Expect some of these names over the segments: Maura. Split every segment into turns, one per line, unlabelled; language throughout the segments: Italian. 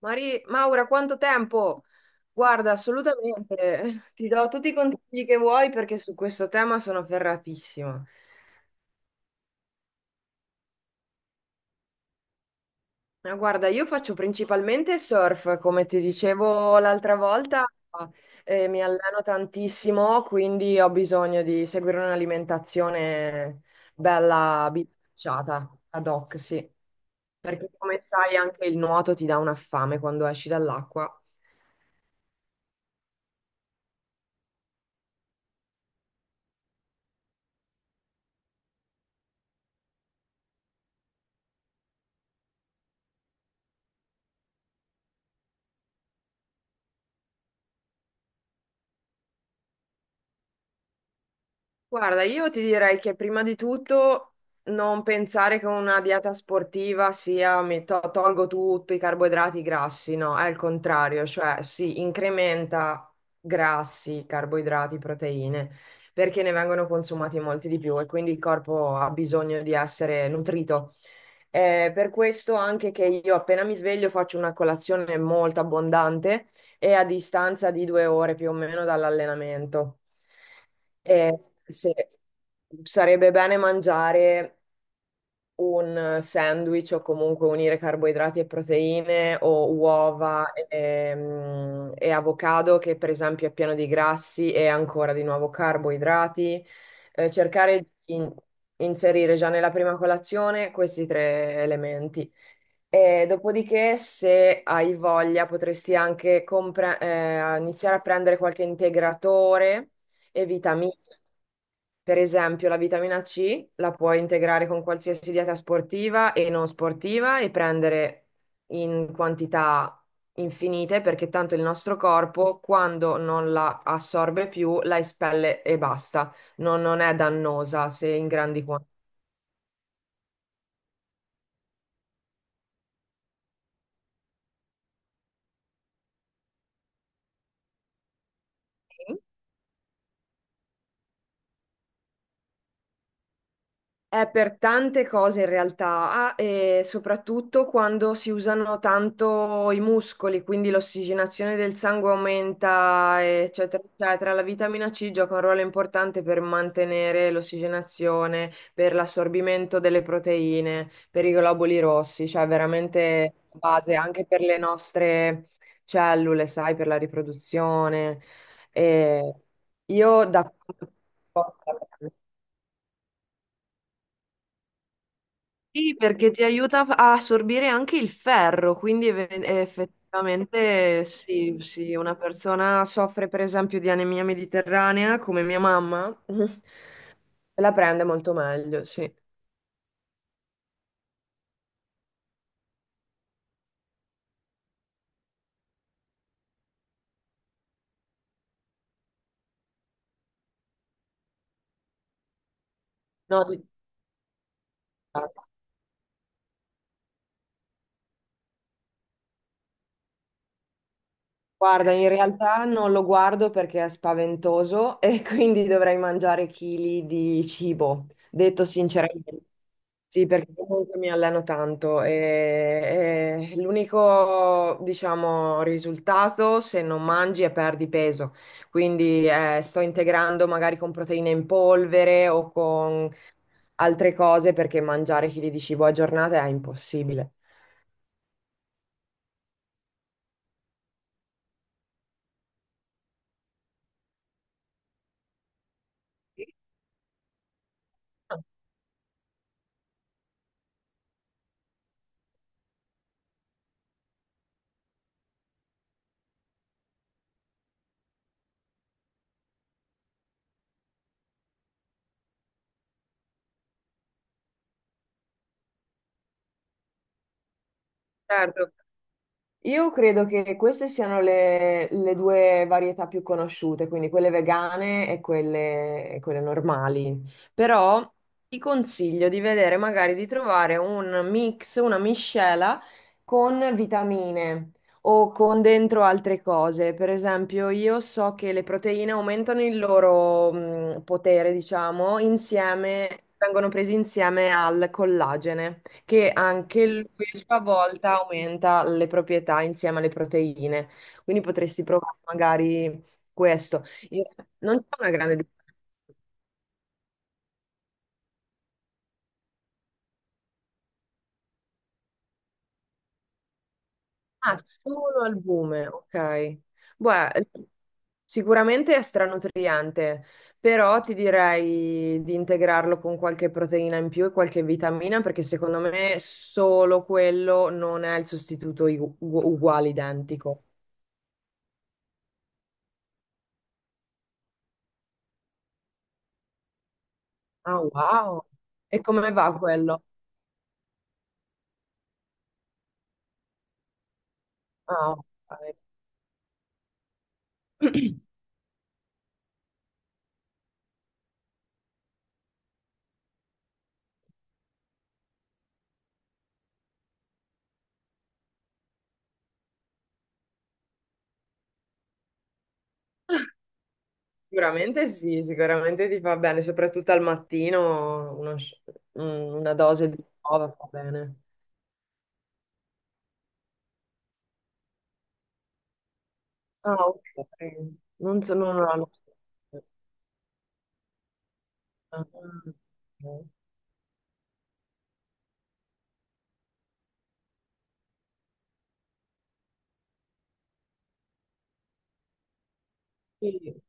Maura, quanto tempo? Guarda, assolutamente, ti do tutti i consigli che vuoi perché su questo tema sono ferratissima. Ma guarda, io faccio principalmente surf, come ti dicevo l'altra volta, mi alleno tantissimo, quindi ho bisogno di seguire un'alimentazione bella bilanciata, ad hoc, sì. Perché come sai anche il nuoto ti dà una fame quando esci dall'acqua. Guarda, io ti direi che prima di tutto non pensare che una dieta sportiva sia tolgo tutto, i carboidrati, i grassi, no, è il contrario, cioè si incrementa grassi, carboidrati, proteine, perché ne vengono consumati molti di più e quindi il corpo ha bisogno di essere nutrito. Per questo anche che io appena mi sveglio faccio una colazione molto abbondante e a distanza di 2 ore più o meno dall'allenamento. E se- Sarebbe bene mangiare un sandwich o comunque unire carboidrati e proteine o uova e, e avocado, che per esempio è pieno di grassi e ancora di nuovo carboidrati. Cercare di inserire già nella prima colazione questi tre elementi. E dopodiché, se hai voglia, potresti anche iniziare a prendere qualche integratore e vitamine. Per esempio, la vitamina C la puoi integrare con qualsiasi dieta sportiva e non sportiva e prendere in quantità infinite perché tanto il nostro corpo, quando non la assorbe più, la espelle e basta. Non è dannosa se in grandi quantità. È per tante cose in realtà, e soprattutto quando si usano tanto i muscoli, quindi l'ossigenazione del sangue aumenta, eccetera, eccetera. La vitamina C gioca un ruolo importante per mantenere l'ossigenazione, per l'assorbimento delle proteine, per i globuli rossi, cioè veramente base anche per le nostre cellule, sai, per la riproduzione. E io da... Sì, perché ti aiuta a assorbire anche il ferro, quindi effettivamente sì, sì, una persona soffre per esempio di anemia mediterranea, come mia mamma, se la prende molto meglio, sì. No, di- Guarda, in realtà non lo guardo perché è spaventoso e quindi dovrei mangiare chili di cibo, detto sinceramente. Sì, perché comunque mi alleno tanto e l'unico, diciamo, risultato se non mangi è perdi peso. Quindi sto integrando magari con proteine in polvere o con altre cose perché mangiare chili di cibo a giornata è impossibile. Sì. Certo. Io credo che queste siano le due varietà più conosciute, quindi quelle vegane e quelle normali. Però ti consiglio di vedere, magari di trovare un mix, una miscela con vitamine o con dentro altre cose. Per esempio, io so che le proteine aumentano il loro, potere, diciamo, insieme, vengono presi insieme al collagene che anche lui a sua volta aumenta le proprietà insieme alle proteine. Quindi potresti provare magari questo. Io- Non c'è una grande differenza. Ah, solo al bume, ok. Beh, sicuramente è stranutriente, però ti direi di integrarlo con qualche proteina in più e qualche vitamina, perché secondo me solo quello non è il sostituto uguale, identico. Ah, wow. E come va quello? Ah, ok. Sicuramente sì, sicuramente ti fa bene, soprattutto al mattino una dose di prova fa bene. Ah, ok. Non so, non ho la- Ah, ok. Sì.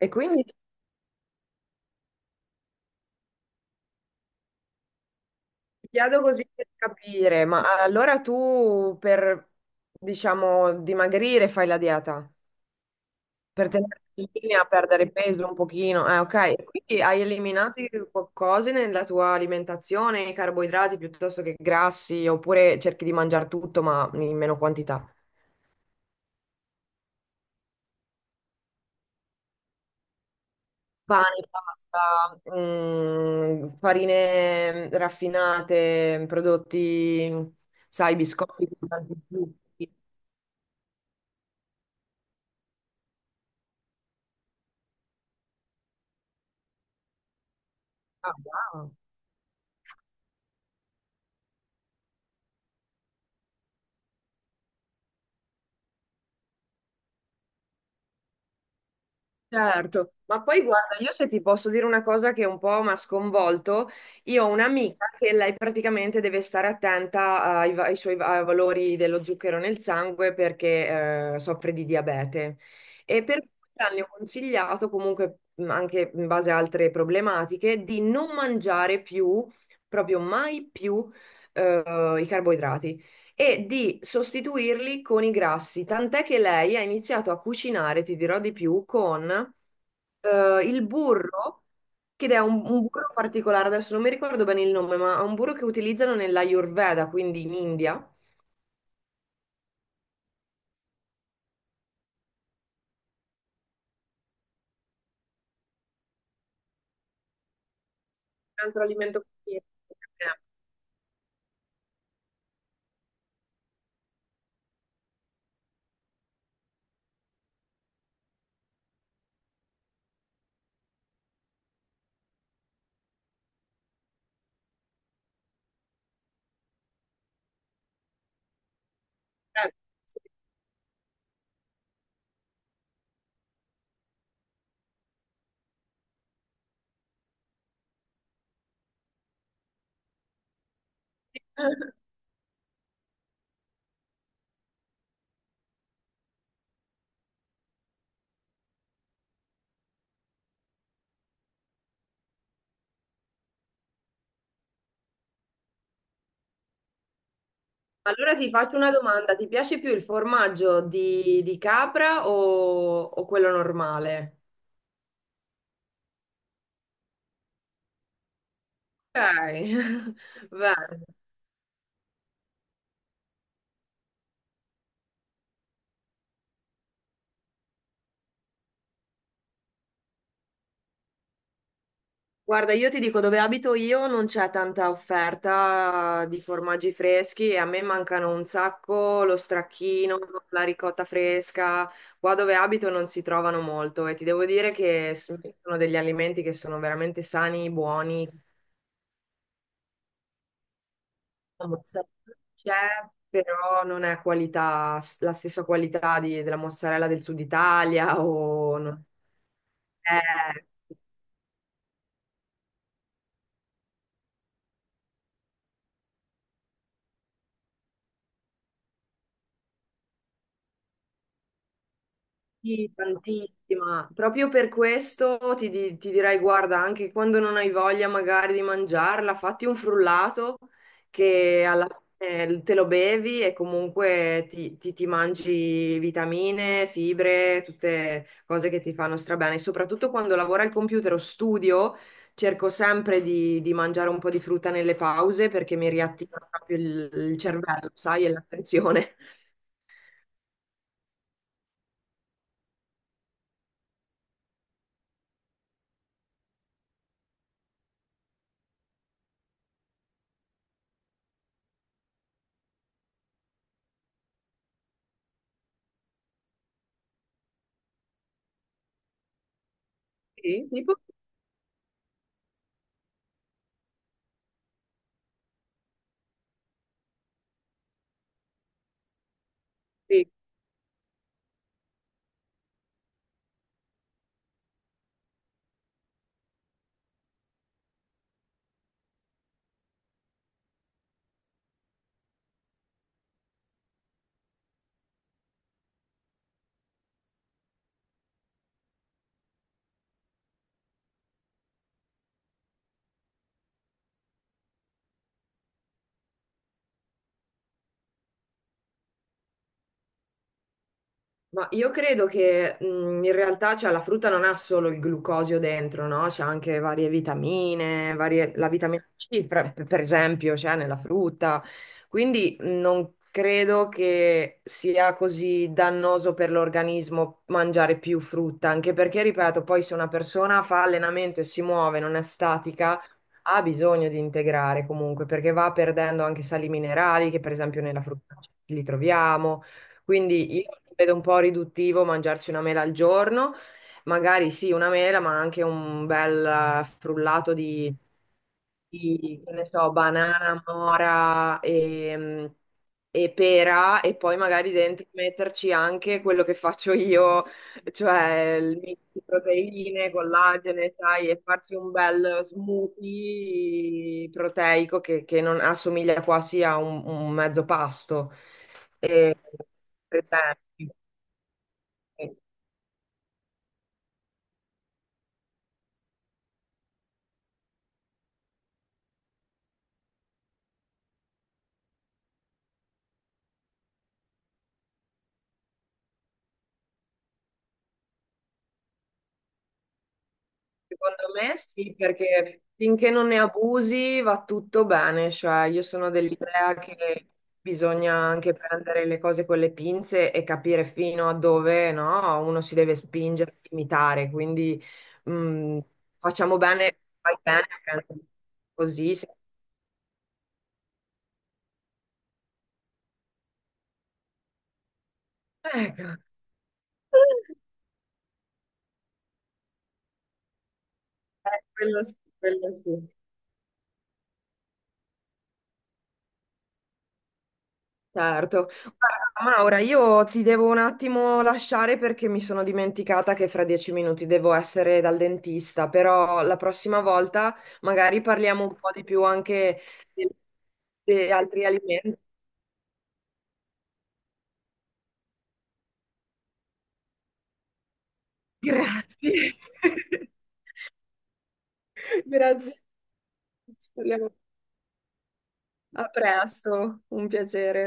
E quindi ti chiedo così per capire, ma allora tu per, diciamo, dimagrire fai la dieta? Per tenere in linea, perdere peso un pochino. Ok. E quindi hai eliminato cose nella tua alimentazione, i carboidrati piuttosto che grassi, oppure cerchi di mangiare tutto ma in meno quantità. Pane, pasta, farine raffinate, prodotti, sai, biscotti con tanti zuccheri. Ah, wow. Certo, ma poi guarda, io se ti posso dire una cosa che un po' mi ha sconvolto, io ho un'amica che lei praticamente deve stare attenta ai, va- ai suoi va- ai valori dello zucchero nel sangue perché soffre di diabete e per cui le hanno consigliato comunque anche in base a altre problematiche di non mangiare più, proprio mai più i carboidrati e di sostituirli con i grassi. Tant'è che lei ha iniziato a cucinare, ti dirò di più, con il burro, che è un burro particolare, adesso non mi ricordo bene il nome, ma è un burro che utilizzano nell'Ayurveda, quindi in India. Un altro alimento. Che- Allora ti faccio una domanda, ti piace più il formaggio di capra o quello normale? Ok, bene. Guarda, io ti dico, dove abito io non c'è tanta offerta di formaggi freschi e a me mancano un sacco lo stracchino, la ricotta fresca. Qua dove abito non si trovano molto e ti devo dire che sono degli alimenti che sono veramente sani, buoni. La mozzarella c'è, però non è qualità, la stessa qualità della mozzarella del sud Italia o non... è. Sì, tantissima. Proprio per questo ti direi, guarda, anche quando non hai voglia magari di mangiarla, fatti un frullato che alla fine te lo bevi e comunque ti mangi vitamine, fibre, tutte cose che ti fanno strabene. Soprattutto quando lavoro al computer o studio, cerco sempre di mangiare un po' di frutta nelle pause perché mi riattiva proprio il cervello, sai, e l'attenzione. Sì, tipo... Ma io credo che in realtà cioè, la frutta non ha solo il glucosio dentro, no? C'è anche varie vitamine, la vitamina C, per esempio, c'è nella frutta. Quindi non credo che sia così dannoso per l'organismo mangiare più frutta, anche perché, ripeto, poi se una persona fa allenamento e si muove, non è statica, ha bisogno di integrare comunque, perché va perdendo anche sali minerali, che per esempio nella frutta li troviamo quindi io vedo un po' riduttivo mangiarci una mela al giorno, magari sì, una mela, ma anche un bel frullato di, che ne so, banana, mora e pera e poi magari dentro metterci anche quello che faccio io cioè il mix di proteine, collagene, sai, e farsi un bel smoothie proteico che non assomiglia quasi a un mezzo pasto. E, per esempio. Secondo me sì, perché finché non ne abusi va tutto bene, cioè io sono dell'idea che bisogna anche prendere le cose con le pinze e capire fino a dove, no, uno si deve spingere, limitare, quindi mh, facciamo bene, fai bene, anche così. Ecco, quello sì, quello sì. Certo. Guarda, Maura, io ti devo un attimo lasciare perché mi sono dimenticata che fra 10 minuti devo essere dal dentista, però la prossima volta magari parliamo un po' di più anche di, di altri alimenti. Grazie. Grazie. Speriamo. A presto, un piacere.